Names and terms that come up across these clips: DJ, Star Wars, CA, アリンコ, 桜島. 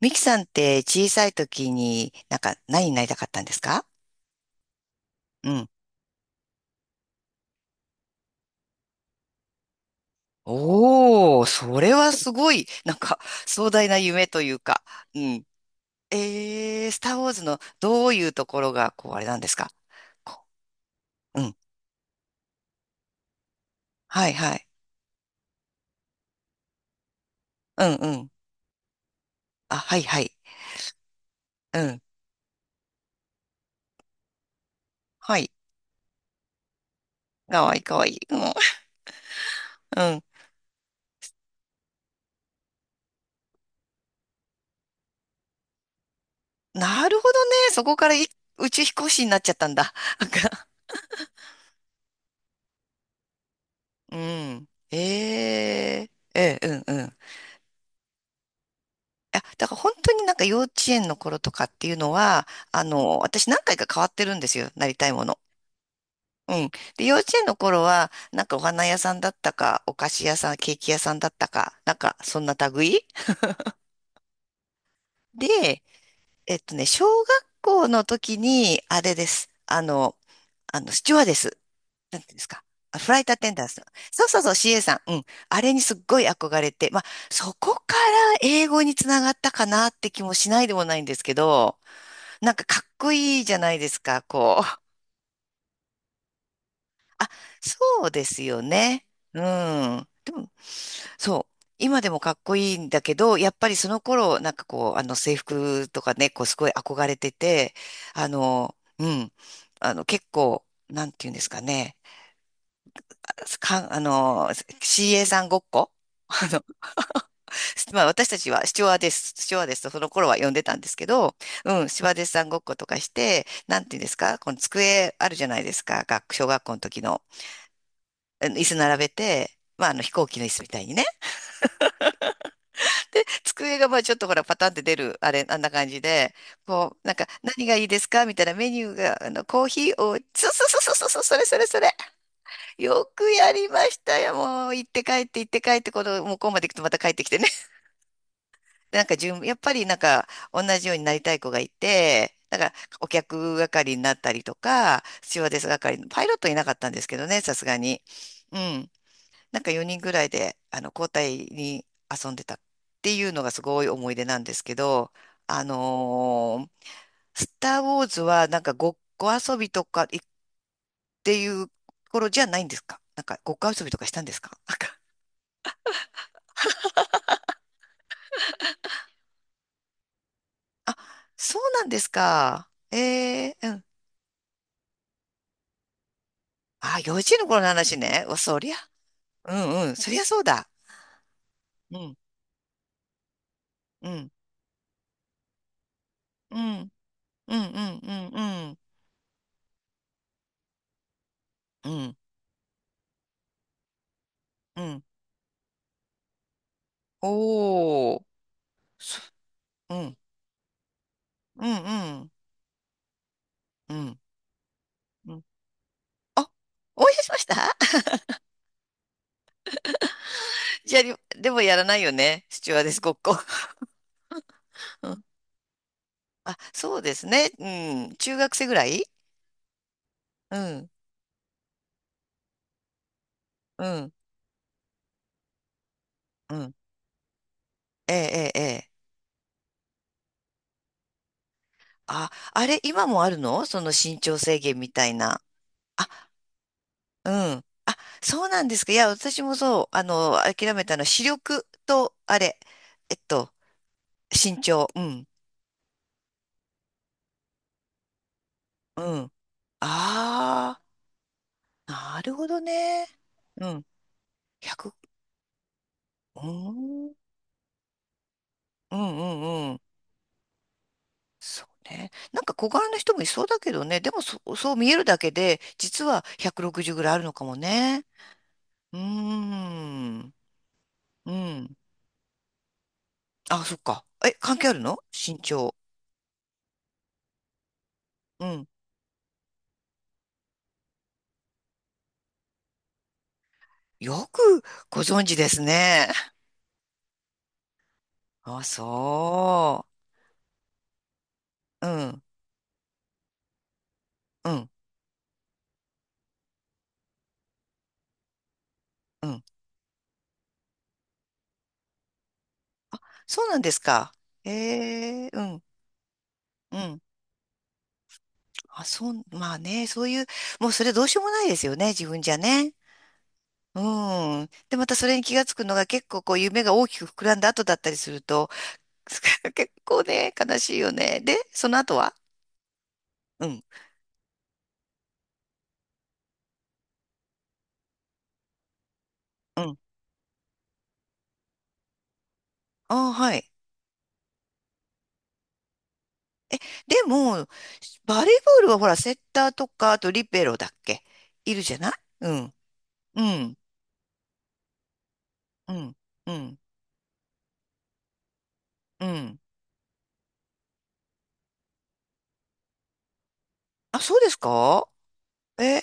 ミキさんって小さい時になんか何になりたかったんですか？うん。おお、それはすごい、なんか壮大な夢というか。うん。スター・ウォーズのどういうところが、こう、あれなんですか？こうん。はいはい。うんうん。あ、はいはい。うん。はい。かわいいかわいい。うん。うん。なるほどね。そこから宇宙飛行士になっちゃったんだ。なんかうん。うんうん。いや、だから本当になんか幼稚園の頃とかっていうのは、私何回か変わってるんですよ、なりたいもの。うん。で、幼稚園の頃は、なんかお花屋さんだったか、お菓子屋さん、ケーキ屋さんだったか、なんかそんな類で、小学校の時に、あれです。スチュワーデス。なんていうんですか？あフライトアテンダンスの。そうそうそう、CA さん。うん。あれにすっごい憧れて、まあ、そこから英語につながったかなって気もしないでもないんですけど、なんかかっこいいじゃないですか、こう。あ、そうですよね。うん。そう。今でもかっこいいんだけど、やっぱりその頃、なんかこう、あの制服とかね、こうすごい憧れてて、うん。結構、なんていうんですかね。か、あの、CA さんごっこ。 あの、まあ私たちはスチュワーデスとその頃は呼んでたんですけど、うん、スチュワーデスさんごっことかして、なんていうんですか、この机あるじゃないですか、小学校の時の、あの椅子並べて、まああの飛行機の椅子みたいにね。で、机がまあちょっとほらパタンって出る、あれ、あんな感じで、こう、なんか何がいいですかみたいなメニューが、コーヒーを、そうそうそうそうそう、それそれそれ。よくやりましたよ、もう。行って帰って行って帰って、この向こうまで行くとまた帰ってきてね。なんか順、やっぱりなんか同じようになりたい子がいて、だからお客係になったりとか、スチュワーデス係、パイロットいなかったんですけどね、さすがに。うん。なんか4人ぐらいで、交代に遊んでたっていうのがすごい思い出なんですけど、あのースター・ウォーズはなんかごっこ遊びとかていう頃じゃないんですか？なんかごっこ遊びとかしたんですか？なんか、あ、そうなんですか？ええ、あ、幼稚園の頃の話ね。お、そりゃ、うんうん、そりゃそうだ。うん、うん、うん、うん、うん、うん、うん、うん、うん。おー、そうん、うん、うん、うん、うん。あ、思い出しました。 じゃあ、でもやらないよね。スチュワーデスごっこ。うん、あ、そうですね。うん、中学生ぐらい。うん、うん、うん。ええ、ええ、ええ。あ、あれ、今もあるの、その身長制限みたいな。あ、うん。あ、そうなんですか？いや、私もそう、諦めたの視力と、あれ、えっと、身長。うん。うん。ああ、なるほどね。うん。100、うーん。うんうんうん。そうね。なんか小柄な人もいそうだけどね。でもそう見えるだけで、実は160ぐらいあるのかもね。うーん。うん。あ、そっか。え、関係あるの、身長？うん。よくご存知ですね。あ、そう。うん、うん、うん。そうなんですか？ええ、うん、うん。あ、そう、まあね、そういう、もうそれどうしようもないですよね、自分じゃね。うん。で、またそれに気がつくのが結構こう夢が大きく膨らんだ後だったりすると、結構ね、悲しいよね。で、その後は、うん、うん。ああ、はい。でも、バレーボールはほら、セッターとか、あとリベロだっけ、いるじゃない？うん、うん、うん、うん、うん。あ、そうですか？え、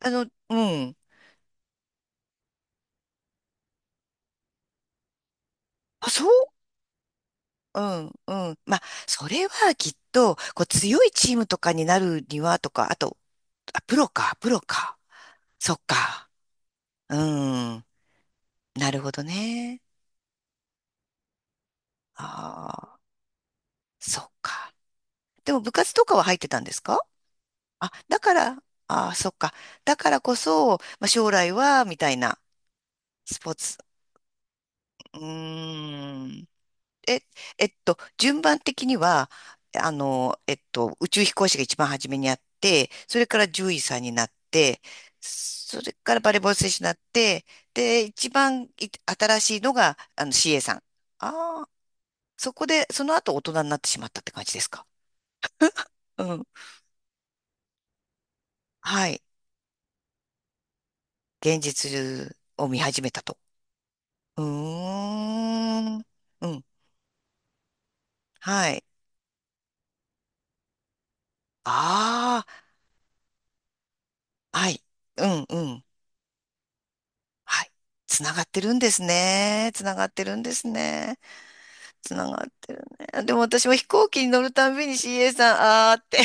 うん。あ、そう、うん、うん。まあ、それはきっと、こう、強いチームとかになるにはとか、あと、あ、プロか、プロか。そっか。うん。なるほどね。ああ、そっか。でも部活とかは入ってたんですか？あ、だから、ああ、そっか。だからこそ、まあ、将来は、みたいな、スポーツ。うーん。え、順番的には、宇宙飛行士が一番初めにあって、それから獣医さんになって、それからバレーボール選手になって、で、一番新しいのが、CA さん。ああ、そこで、その後大人になってしまったって感じですか？うん。はい。現実を見始めたと。うーん。うん。はい。ああ、はい。うん、うん。はい。つながってるんですね。つながってるんですね。つながってるね。でも私も飛行機に乗るたんびに CA さん、あーって。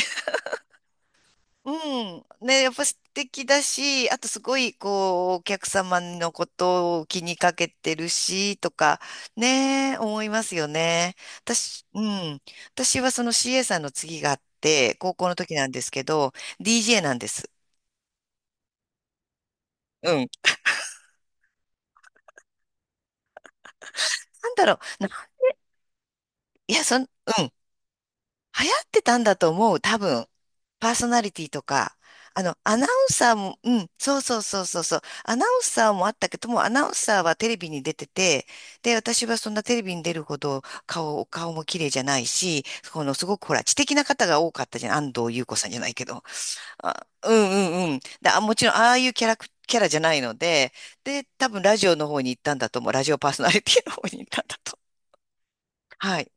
うん。ね、やっぱ素敵だし、あとすごい、こう、お客様のことを気にかけてるし、とか、ね、思いますよね。私、うん。私はその CA さんの次があって、高校の時なんですけど、DJ なんです。うん。なんだろう。いや、うん。流行ってたんだと思う、多分。パーソナリティとか。アナウンサーも、うん、そうそうそうそうそう。アナウンサーもあったけども、アナウンサーはテレビに出てて、で、私はそんなテレビに出るほどお顔も綺麗じゃないし、このすごくほら、知的な方が多かったじゃん。安藤優子さんじゃないけど。あ、うんうんうん。で、あ、もちろん、ああいうキャラじゃないので、で、多分ラジオの方に行ったんだと思う。ラジオパーソナリティの方に行ったんだと。はい。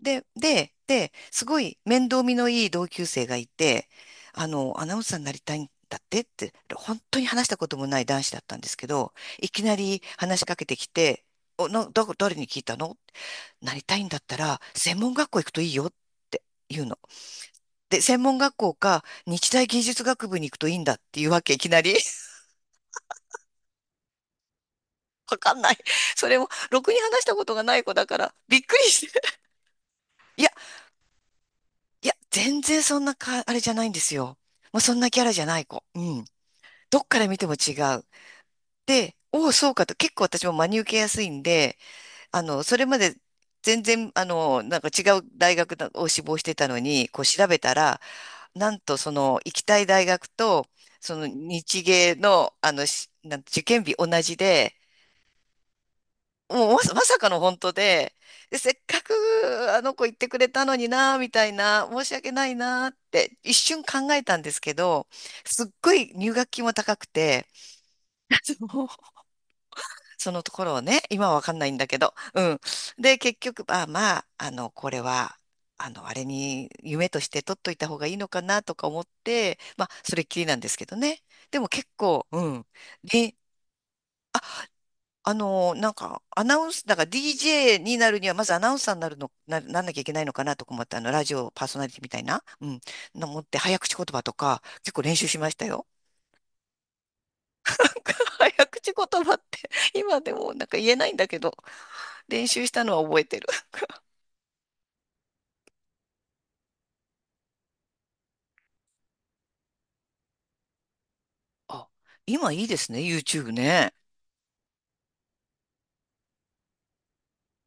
で、すごい面倒見のいい同級生がいて、アナウンサーになりたいんだってって、本当に話したこともない男子だったんですけど、いきなり話しかけてきて、お、な、だ、誰に聞いたの？なりたいんだったら、専門学校行くといいよって言うの。で、専門学校か、日大技術学部に行くといいんだっていうわけ、いきなり。わかんない。それも、ろくに話したことがない子だから、びっくりして。いやいや、全然そんなか、あれじゃないんですよ。もうそんなキャラじゃない子。うん。どっから見ても違う。で、おお、そうかと、結構私も真に受けやすいんで、それまで全然、なんか違う大学だを志望してたのに、こう調べたら、なんとその行きたい大学と、その日芸の、しなん受験日同じで、もうまさかの本当で、で、せっかくあの子言ってくれたのにな、みたいな、申し訳ないなって一瞬考えたんですけど、すっごい入学金も高くて、そう、そのところをね、今はわかんないんだけど、うん。で、結局、あ、まあ、これは、あれに夢として取っといた方がいいのかなとか思って、まあ、それっきりなんですけどね。でも結構、うん。りなんか、アナウンス、だから DJ になるには、まずアナウンサーになるの、なんなきゃいけないのかなとか思って、ラジオパーソナリティみたいな、うん、の持って、早口言葉とか、結構練習しましたよ。なんか早口言葉って、今でもなんか言えないんだけど、練習したのは覚えてる。あ、今いいですね、YouTube ね。